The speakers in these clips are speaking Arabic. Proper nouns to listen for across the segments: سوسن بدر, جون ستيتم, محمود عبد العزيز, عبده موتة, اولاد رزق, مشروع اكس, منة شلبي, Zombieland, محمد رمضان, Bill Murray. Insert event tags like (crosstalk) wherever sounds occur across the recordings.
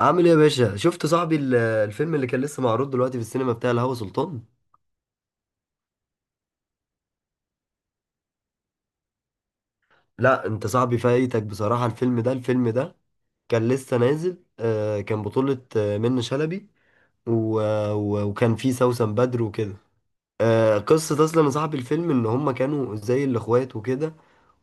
عامل ايه يا باشا؟ شفت صاحبي الفيلم اللي كان لسه معروض دلوقتي في السينما بتاع الهوى سلطان؟ لا انت صاحبي فايتك بصراحة. الفيلم ده الفيلم ده كان لسه نازل، كان بطولة، منة شلبي و- و- وكان فيه سوسن بدر وكده. قصة اصلا يا صاحبي الفيلم ان هما كانوا زي الاخوات وكده.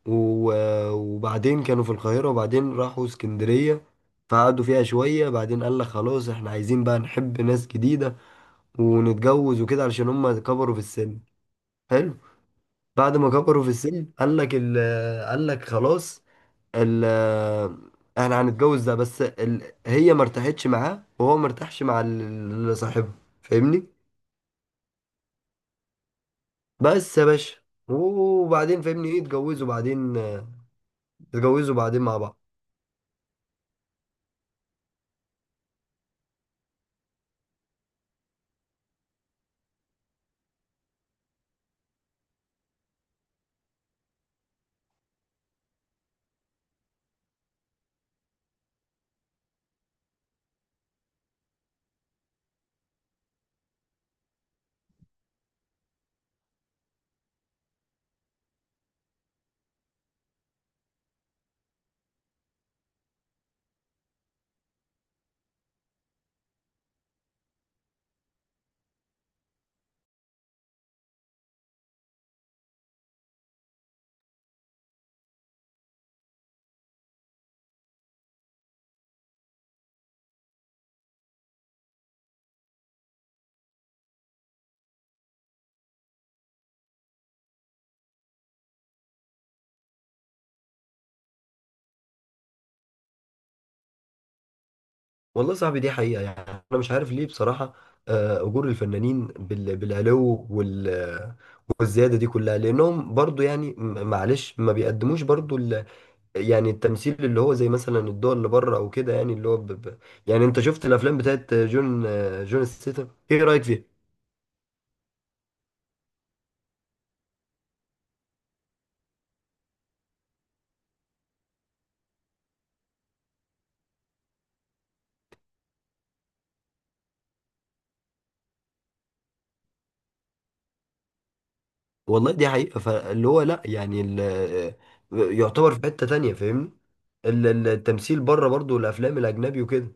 و- وبعدين كانوا في القاهرة وبعدين راحوا اسكندرية، فقعدوا فيها شوية. بعدين قال لك خلاص، احنا عايزين بقى نحب ناس جديدة ونتجوز وكده، علشان هما كبروا في السن. حلو. بعد ما كبروا في السن قال لك قال لك خلاص ال احنا هنتجوز. ده بس هي ما ارتاحتش معاه، وهو ما ارتاحش مع اللي صاحبها. فاهمني؟ بس يا باشا، وبعدين فاهمني، ايه اتجوزوا بعدين؟ اتجوزوا بعدين مع بعض. والله صاحبي دي حقيقة يعني، انا مش عارف ليه بصراحة. اجور الفنانين بالعلو والزيادة دي كلها لانهم برضو يعني معلش ما بيقدموش برضو يعني التمثيل اللي هو زي مثلا الدول اللي بره او كده، يعني اللي هو يعني انت شفت الافلام بتاعت جون ستيتم؟ ايه رايك فيها؟ والله دي حقيقه، فاللي هو لا يعني يعتبر في حته تانية فاهمني. التمثيل بره برضو، الافلام الاجنبي وكده.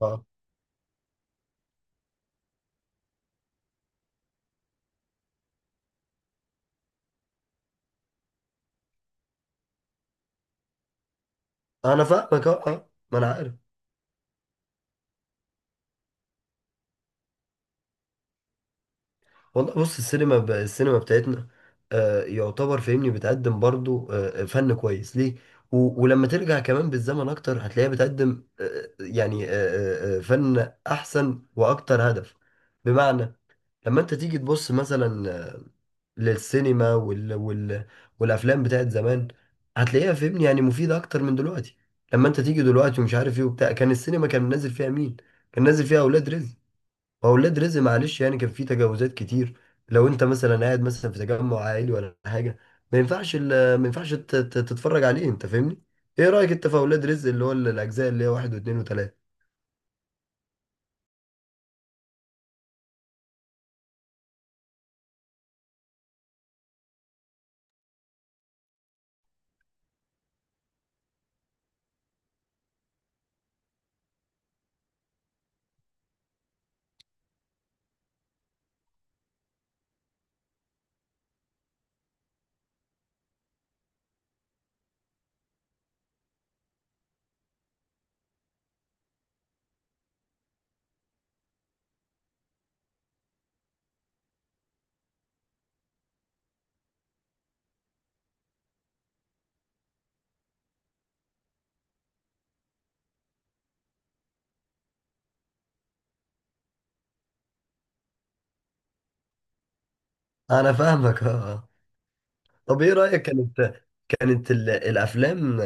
اه انا فاهمك اه. ما انا عارف. والله بص، السينما السينما بتاعتنا آه يعتبر فاهمني بتقدم برضو فن كويس ليه. و... ولما ترجع كمان بالزمن اكتر هتلاقيها بتقدم آه يعني فن احسن واكتر هدف. بمعنى لما انت تيجي تبص مثلا، للسينما وال... وال... والافلام بتاعت زمان، هتلاقيها فاهمني يعني مفيدة اكتر من دلوقتي. لما انت تيجي دلوقتي ومش عارف ايه وبتاع، كان السينما كان نازل فيها مين؟ كان نازل فيها اولاد رزق. واولاد رزق معلش يعني كان في تجاوزات كتير. لو انت مثلا قاعد مثلا في تجمع عائلي ولا حاجه، ما ينفعش تتفرج عليه انت فاهمني. ايه رايك انت في اولاد رزق اللي هو الاجزاء اللي هي واحد واثنين وثلاثه؟ انا فاهمك (laughs) اه آه. طب ايه رايك؟ كانت كانت ال- الافلام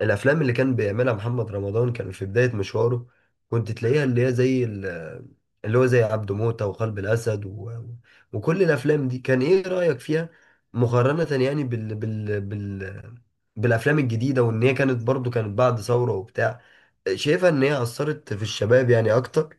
الافلام اللي كان بيعملها محمد رمضان كان في بداية مشواره، كنت تلاقيها اللي هي زي ال- اللي هو زي عبده موتة وقلب الاسد و... وكل الافلام دي، كان ايه رأيك فيها مقارنة يعني بالافلام الجديدة؟ وان هي كانت برضو كانت بعد ثورة وبتاع، شايفها ان هي اثرت في الشباب يعني اكتر،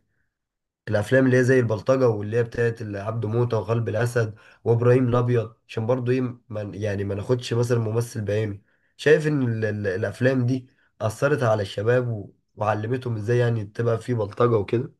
الافلام اللي هي زي البلطجه واللي هي بتاعت عبده موته وقلب الاسد وابراهيم الابيض. عشان برضو ايه، يعني ما ناخدش مثلا ممثل بعينه، شايف ان الافلام دي اثرت على الشباب و- وعلمتهم ازاي يعني تبقى في بلطجه وكده؟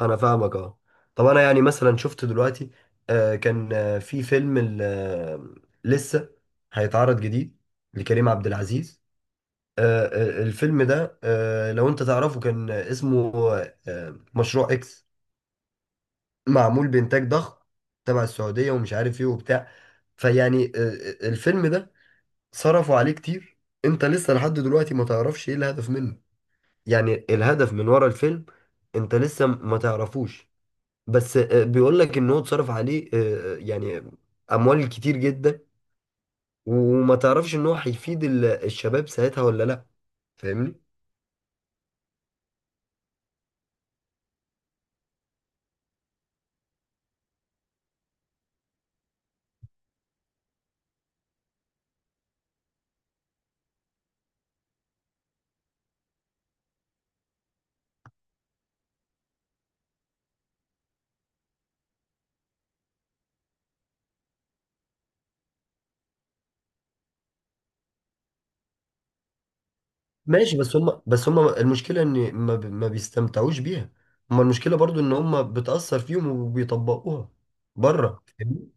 انا فاهمك اه. طب انا يعني مثلا شفت دلوقتي كان آه في فيلم لسه هيتعرض جديد لكريم عبد العزيز. آه الفيلم ده آه لو انت تعرفه كان اسمه مشروع اكس، معمول بإنتاج ضخم تبع السعودية ومش عارف إيه وبتاع. فيعني، الفيلم ده صرفوا عليه كتير، أنت لسه لحد دلوقتي ما تعرفش إيه الهدف منه، يعني الهدف من ورا الفيلم أنت لسه ما تعرفوش. بس بيقولك إن هو اتصرف عليه يعني أموال كتير جدا، وما تعرفش إن هو هيفيد الشباب ساعتها ولا لأ. فاهمني؟ ماشي، بس هم المشكلة ان ما بيستمتعوش بيها. هم المشكلة برضو ان هم بتأثر فيهم وبيطبقوها بره، فاهمني؟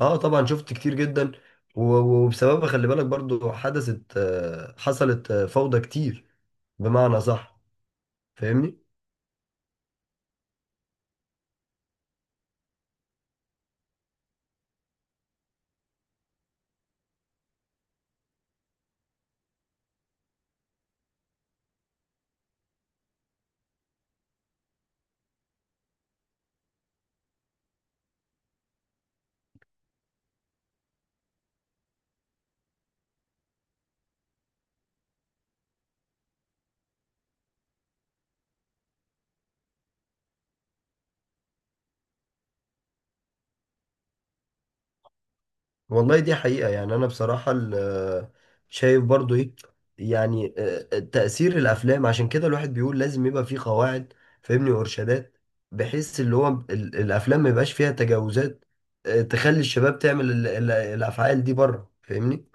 اه طبعا، شفت كتير جدا. و- وبسببها خلي بالك برضو حدثت، حصلت، فوضى كتير. بمعنى صح، فاهمني. والله دي حقيقة يعني، أنا بصراحة شايف برضو إيه يعني تأثير الأفلام. عشان كده الواحد بيقول لازم يبقى فيه قواعد فاهمني وإرشادات، بحيث اللي هو الأفلام ما يبقاش فيها تجاوزات، تخلي الشباب تعمل الأفعال دي بره. فاهمني؟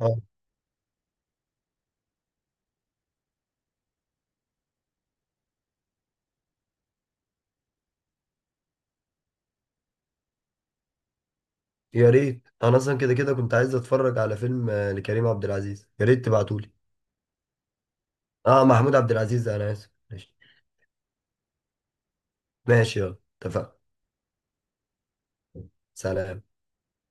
اه يا ريت. أنا أصلا كده كده كنت عايز أتفرج على فيلم، لكريم عبد العزيز، يا ريت تبعتولي. أه محمود عبد العزيز، أنا آسف. ماشي ماشي يلا، اتفقنا. سلام.